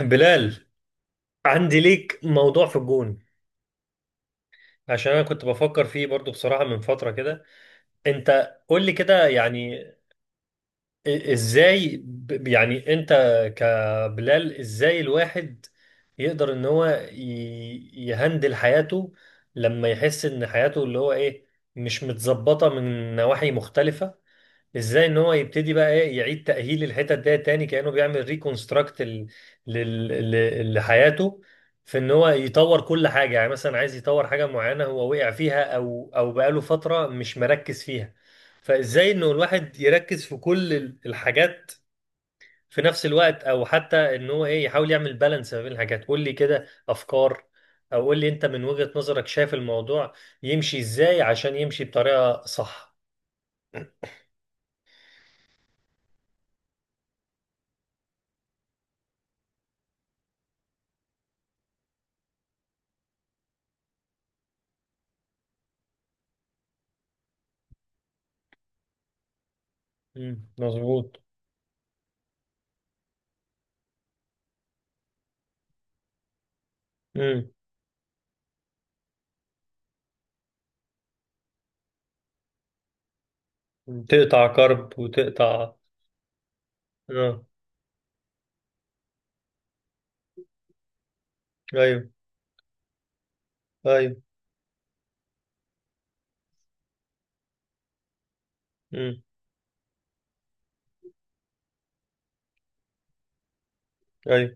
بلال، عندي ليك موضوع في الجون. عشان انا كنت بفكر فيه برضو بصراحة من فترة كده. انت قول لي كده، يعني ازاي يعني انت كبلال، ازاي الواحد يقدر ان هو يهندل حياته لما يحس ان حياته اللي هو ايه مش متظبطة من نواحي مختلفة. ازاي ان هو يبتدي بقى ايه يعيد تأهيل الحتت ده تاني، كأنه بيعمل ريكونستراكت لحياته. في ان هو يطور كل حاجة، يعني مثلا عايز يطور حاجة معينة هو وقع فيها او بقاله فترة مش مركز فيها. فازاي انه الواحد يركز في كل الحاجات في نفس الوقت، او حتى ان هو ايه يحاول يعمل بالانس ما بين الحاجات؟ قول لي كده افكار، او قول لي انت من وجهة نظرك شايف الموضوع يمشي ازاي عشان يمشي بطريقة صح. مم، مظبوط. مم. تقطع كرب وتقطع. اه. ايوه. ايوه. امم. ايوه.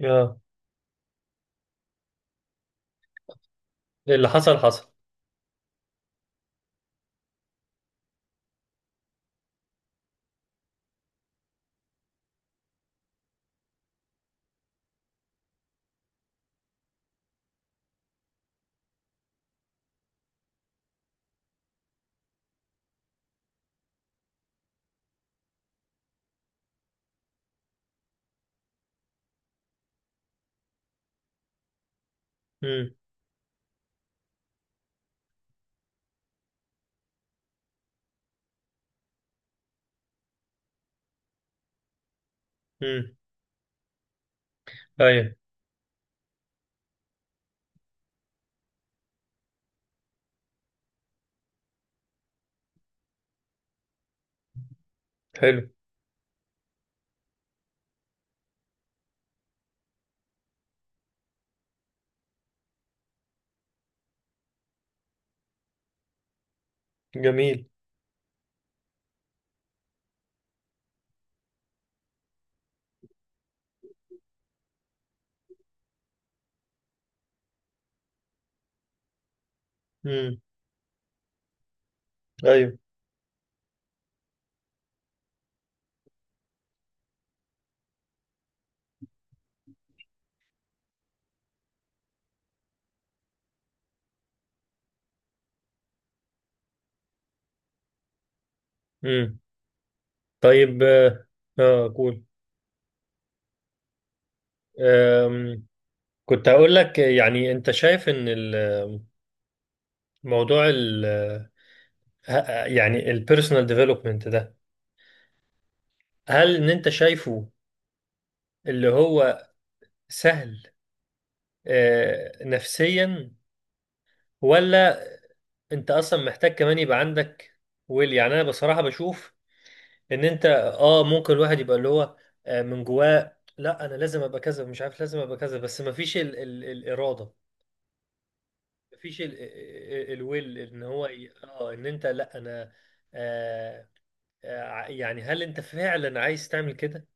اه. اللي حصل حصل. امم. امم. ايوه. حلو. جميل. امم. ايوه. امم. طيب. اه. آه، قول. آم، كنت هقول لك، يعني انت شايف ان الموضوع يعني البيرسونال ديفلوبمنت ده، هل ان انت شايفه اللي هو سهل نفسيا؟ ولا انت اصلا محتاج كمان يبقى عندك ويل؟ يعني انا بصراحه بشوف ان انت ممكن الواحد يبقى اللي هو من جواه لا انا لازم ابقى كذا، مش عارف لازم ابقى كذا، بس ما فيش ال ال الاراده. ما فيش ال ال الويل ان هو ان انت لا انا. آه يعني هل انت فعلا عايز تعمل كده،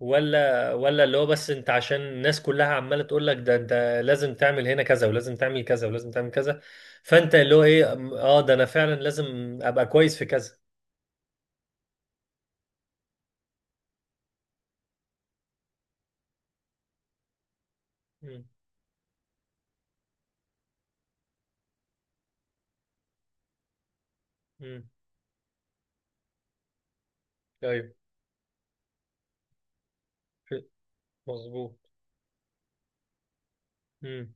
ولا اللي هو بس انت عشان الناس كلها عماله تقول لك ده انت لازم تعمل هنا كذا ولازم تعمل كذا ولازم تعمل كذا؟ فانت اللي هو ايه، اه، ده انا فعلا لازم ابقى كويس في كذا. مم. مم. ايوه. ف- مظبوط. مم.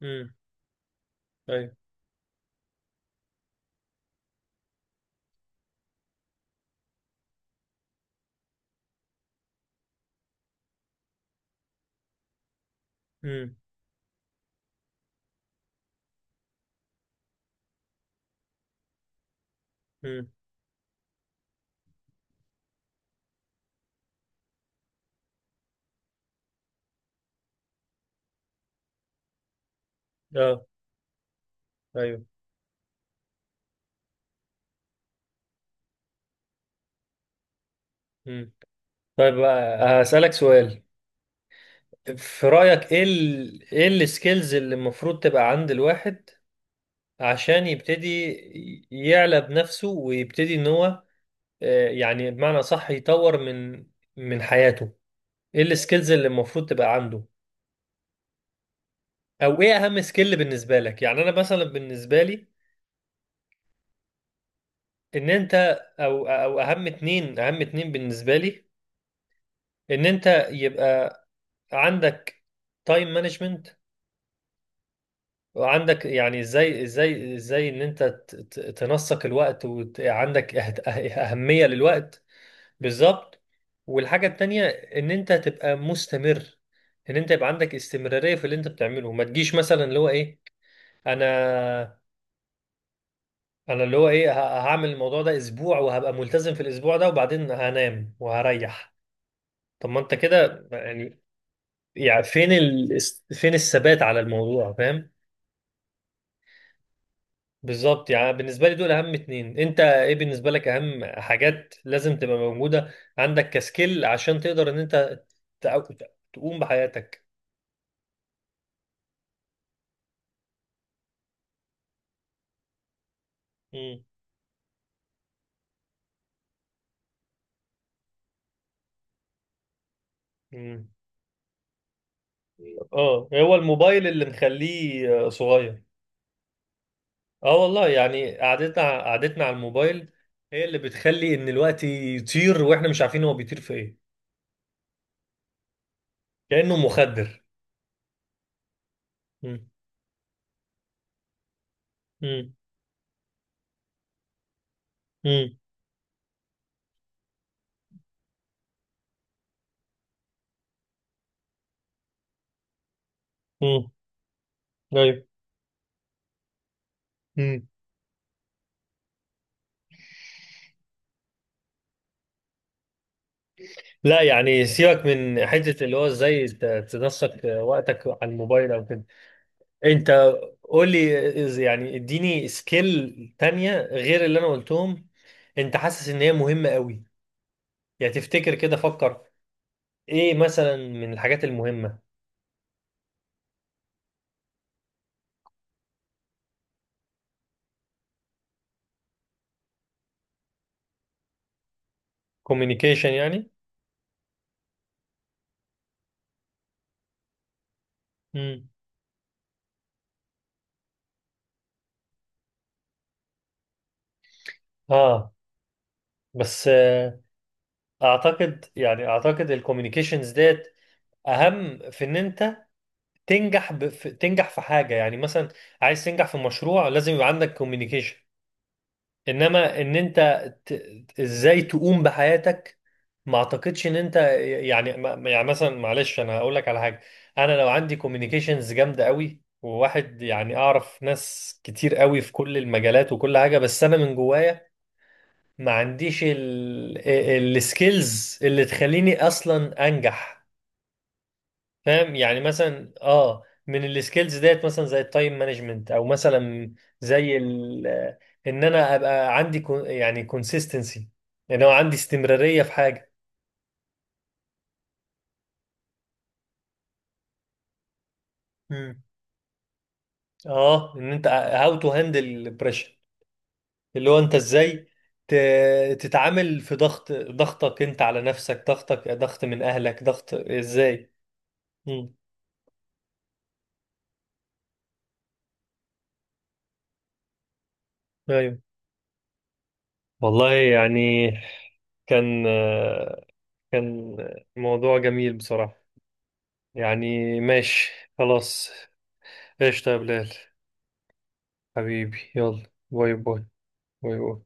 مم. ايوه. مم. مم. اه. ايوه. مم. طيب هسألك سؤال. في رأيك ايه ايه السكيلز اللي المفروض تبقى عند الواحد عشان يبتدي يعلى بنفسه ويبتدي ان هو يعني بمعنى صح يطور من حياته؟ ايه السكيلز اللي المفروض تبقى عنده، او ايه اهم سكيل بالنسبة لك؟ يعني انا مثلا بالنسبة لي ان انت، او اهم اتنين بالنسبه لي، ان انت يبقى عندك تايم مانجمنت، وعندك يعني ازاي ان انت تنسق الوقت، وعندك اهمية للوقت. بالظبط. والحاجة التانية ان انت تبقى مستمر، ان انت يبقى عندك استمرارية في اللي انت بتعمله، ما تجيش مثلا اللي هو ايه، انا انا اللي هو ايه هعمل الموضوع ده اسبوع وهبقى ملتزم في الاسبوع ده وبعدين هنام وهريح. طب ما انت كده يعني، يعني فين فين الثبات على الموضوع؟ فاهم. بالظبط، يعني بالنسبة لي دول أهم اتنين. أنت إيه بالنسبة لك أهم حاجات لازم تبقى موجودة عندك كسكيل عشان تقدر إن أنت تع- تقوم بحياتك؟ مم. مم. اه، هو الموبايل اللي مخليه صغير. اه والله، يعني قعدتنا على الموبايل هي اللي بتخلي ان الوقت يطير واحنا مش عارفين هو بيطير في ايه. كأنه مخدر. مم. مم. مم. مم. ايوه. لا يعني سيبك من حته اللي هو ازاي تنسق وقتك على الموبايل او كده. انت قول لي يعني اديني سكيل تانية غير اللي انا قلتهم، انت حاسس ان هي مهمه قوي. يعني تفتكر كده، فكر. ايه مثلا من الحاجات المهمه؟ كوميونيكيشن يعني. امم. اه، بس اعتقد، يعني اعتقد الكوميونيكيشنز ديت اهم في ان انت تنجح تنجح في حاجه، يعني مثلا عايز تنجح في مشروع لازم يبقى عندك كوميونيكيشن. انما ان انت ت... ازاي تقوم بحياتك، ما اعتقدش ان انت، يعني يعني مثلا معلش انا هقول لك على حاجه، انا لو عندي كوميونيكيشنز جامده قوي وواحد يعني اعرف ناس كتير قوي في كل المجالات وكل حاجه، بس انا من جوايا ما عنديش السكيلز اللي تخليني اصلا انجح. فاهم يعني؟ مثلا اه، من السكيلز ديت مثلا زي التايم مانجمنت، او مثلا زي ان انا ابقى عندي يعني كونسيستنسي، ان هو عندي استمرارية في حاجة. امم. اه، ان انت هاو تو هاندل بريشر، اللي هو انت ازاي تتعامل في ضغط، ضغطك انت على نفسك، ضغطك ضغط من اهلك، ضغط ازاي. امم. ايوه. والله يعني، كان كان موضوع جميل بصراحة. يعني ماشي. خلاص. ايش يا بلال. حبيبي، يلا. باي باي. باي باي.